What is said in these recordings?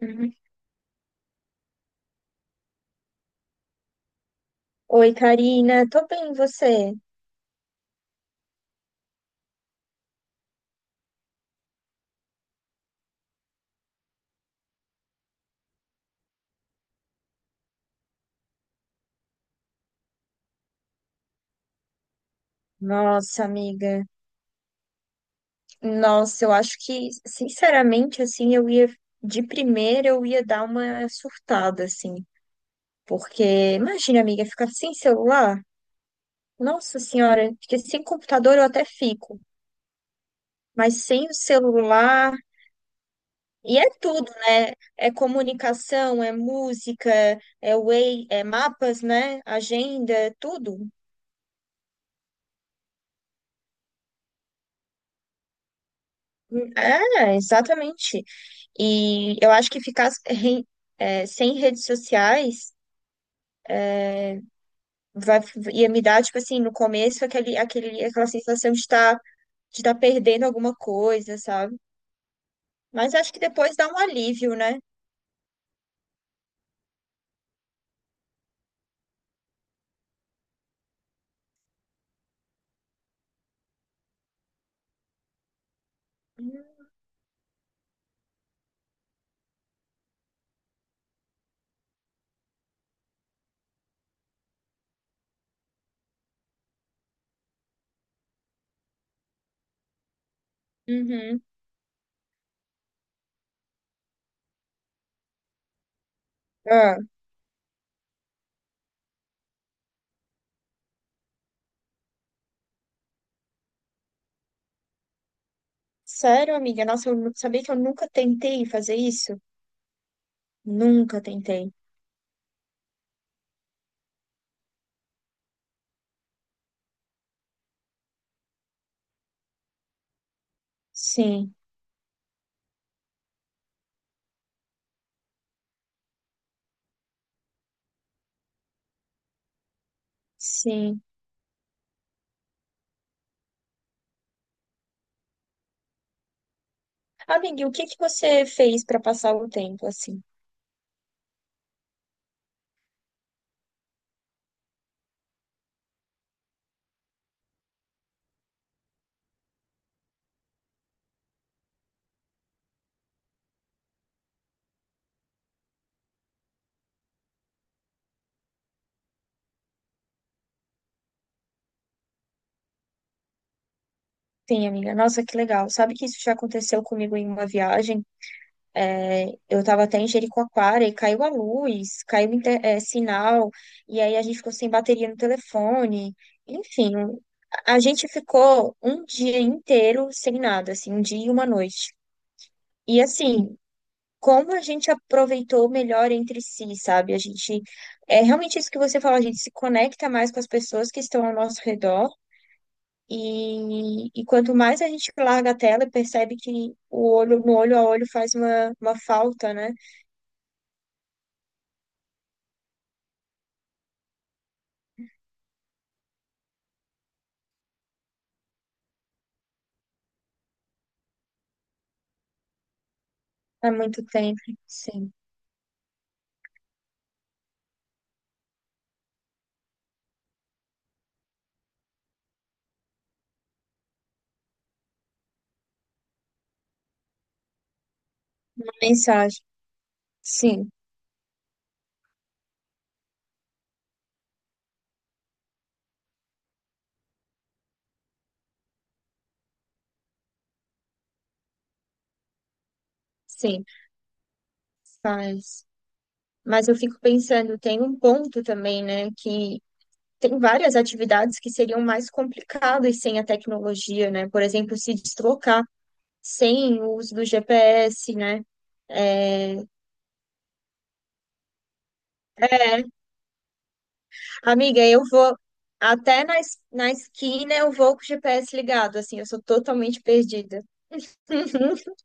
Uhum. Oi, Karina. Tô bem, e você? Nossa, amiga. Nossa, eu acho que, sinceramente, assim, eu ia, de primeira, eu ia dar uma surtada, assim. Porque, imagina, amiga, ficar sem celular. Nossa senhora, porque sem computador eu até fico, mas sem o celular. E é tudo, né? É comunicação, é música, é Way, é mapas, né? Agenda, é tudo. É, exatamente. E eu acho que é, sem redes sociais vai, ia me dar, tipo assim, no começo, aquela sensação de estar de tá perdendo alguma coisa, sabe? Mas acho que depois dá um alívio, né? Uhum. Ah, sério, amiga? Nossa, sabia que eu nunca tentei fazer isso? Nunca tentei. Sim, sim. Amiga, e o que que você fez para passar o tempo assim? Sim, amiga. Nossa, que legal. Sabe que isso já aconteceu comigo em uma viagem? É, eu estava até em Jericoacoara e caiu a luz, é, sinal, e aí a gente ficou sem bateria no telefone. Enfim, a gente ficou um dia inteiro sem nada, assim, um dia e uma noite. E assim, como a gente aproveitou melhor entre si, sabe? É realmente isso que você falou, a gente se conecta mais com as pessoas que estão ao nosso redor. E quanto mais a gente larga a tela, percebe que o olho no olho a olho faz uma falta, né? Há muito tempo, sim. Uma mensagem, sim, sim, faz. Mas eu fico pensando, tem um ponto também, né, que tem várias atividades que seriam mais complicadas sem a tecnologia, né? Por exemplo, se deslocar sem o uso do GPS, né? É, é, amiga, eu vou até na esquina eu vou com o GPS ligado, assim, eu sou totalmente perdida.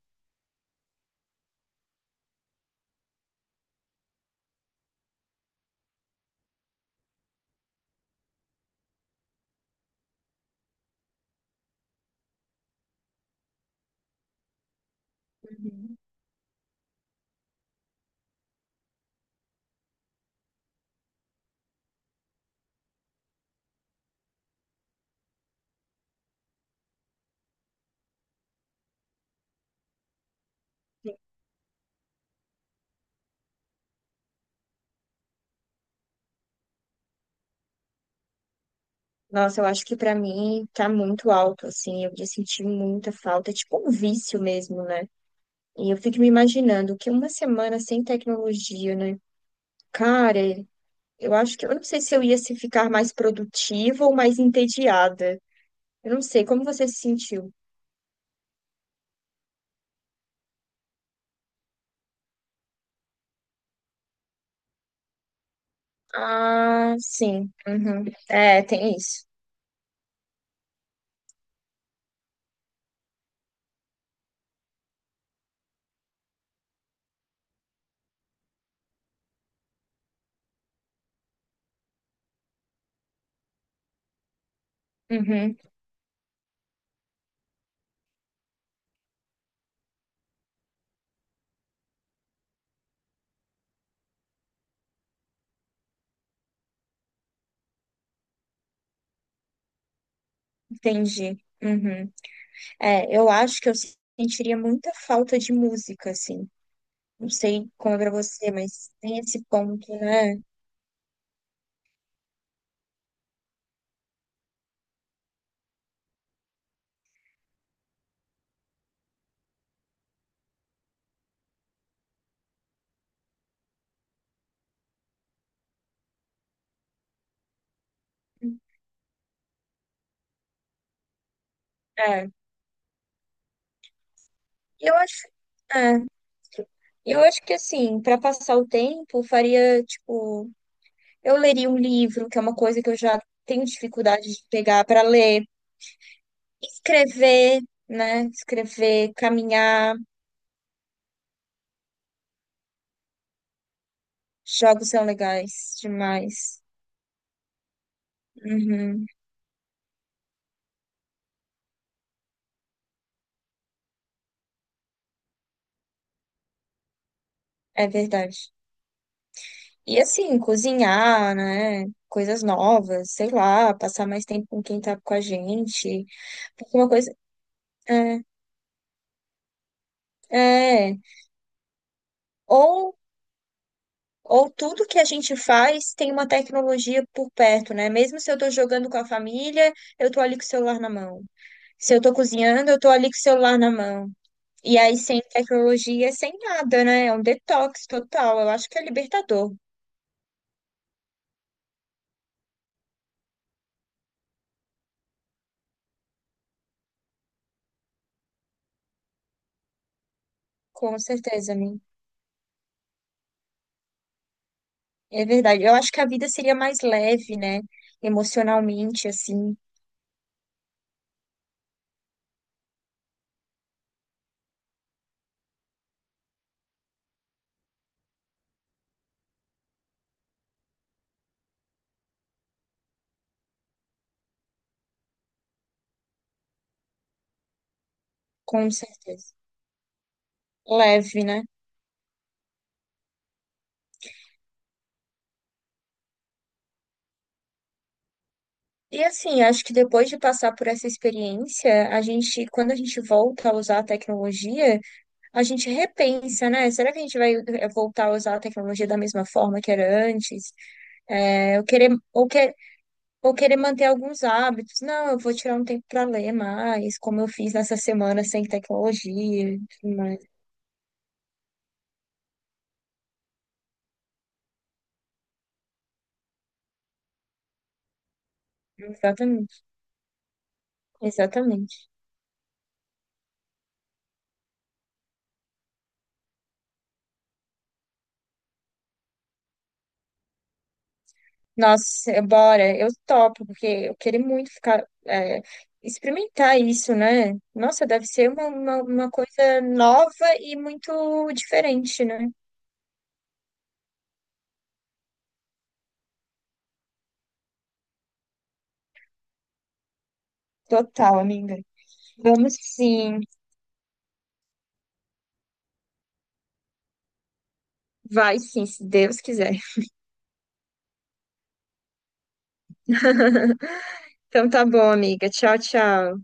Nossa, eu acho que pra mim tá muito alto, assim. Eu ia sentir muita falta, é tipo um vício mesmo, né? E eu fico me imaginando que uma semana sem tecnologia, né? Cara, eu acho que eu não sei se eu ia se ficar mais produtiva ou mais entediada. Eu não sei, como você se sentiu? Ah, sim. Uhum. É, tem isso. Uhum. Entendi. Uhum. É, eu acho que eu sentiria muita falta de música, assim. Não sei como é pra você, mas tem esse ponto, né? É, eu acho, é, eu acho que assim, para passar o tempo, faria tipo, eu leria um livro, que é uma coisa que eu já tenho dificuldade de pegar para ler, escrever, né? Escrever, caminhar, jogos são legais demais. Uhum, é verdade. E assim, cozinhar, né? Coisas novas, sei lá, passar mais tempo com quem tá com a gente. Porque uma coisa. É, é. Ou Ou tudo que a gente faz tem uma tecnologia por perto, né? Mesmo se eu tô jogando com a família, eu tô ali com o celular na mão. Se eu tô cozinhando, eu tô ali com o celular na mão. E aí, sem tecnologia, sem nada, né? É um detox total. Eu acho que é libertador, com certeza, mim. É verdade. Eu acho que a vida seria mais leve, né? Emocionalmente, assim, com certeza. Leve, né? E assim, acho que depois de passar por essa experiência, quando a gente volta a usar a tecnologia, a gente repensa, né? Será que a gente vai voltar a usar a tecnologia da mesma forma que era antes? É, eu querer, ou, que, ou querer manter alguns hábitos. Não, eu vou tirar um tempo para ler mais, como eu fiz nessa semana sem tecnologia e tudo mais. Exatamente, exatamente. Nossa, bora, eu topo, porque eu queria muito ficar, eh, experimentar isso, né? Nossa, deve ser uma coisa nova e muito diferente, né? Total, amiga. Vamos sim. Vai sim, se Deus quiser. Então tá bom, amiga. Tchau, tchau.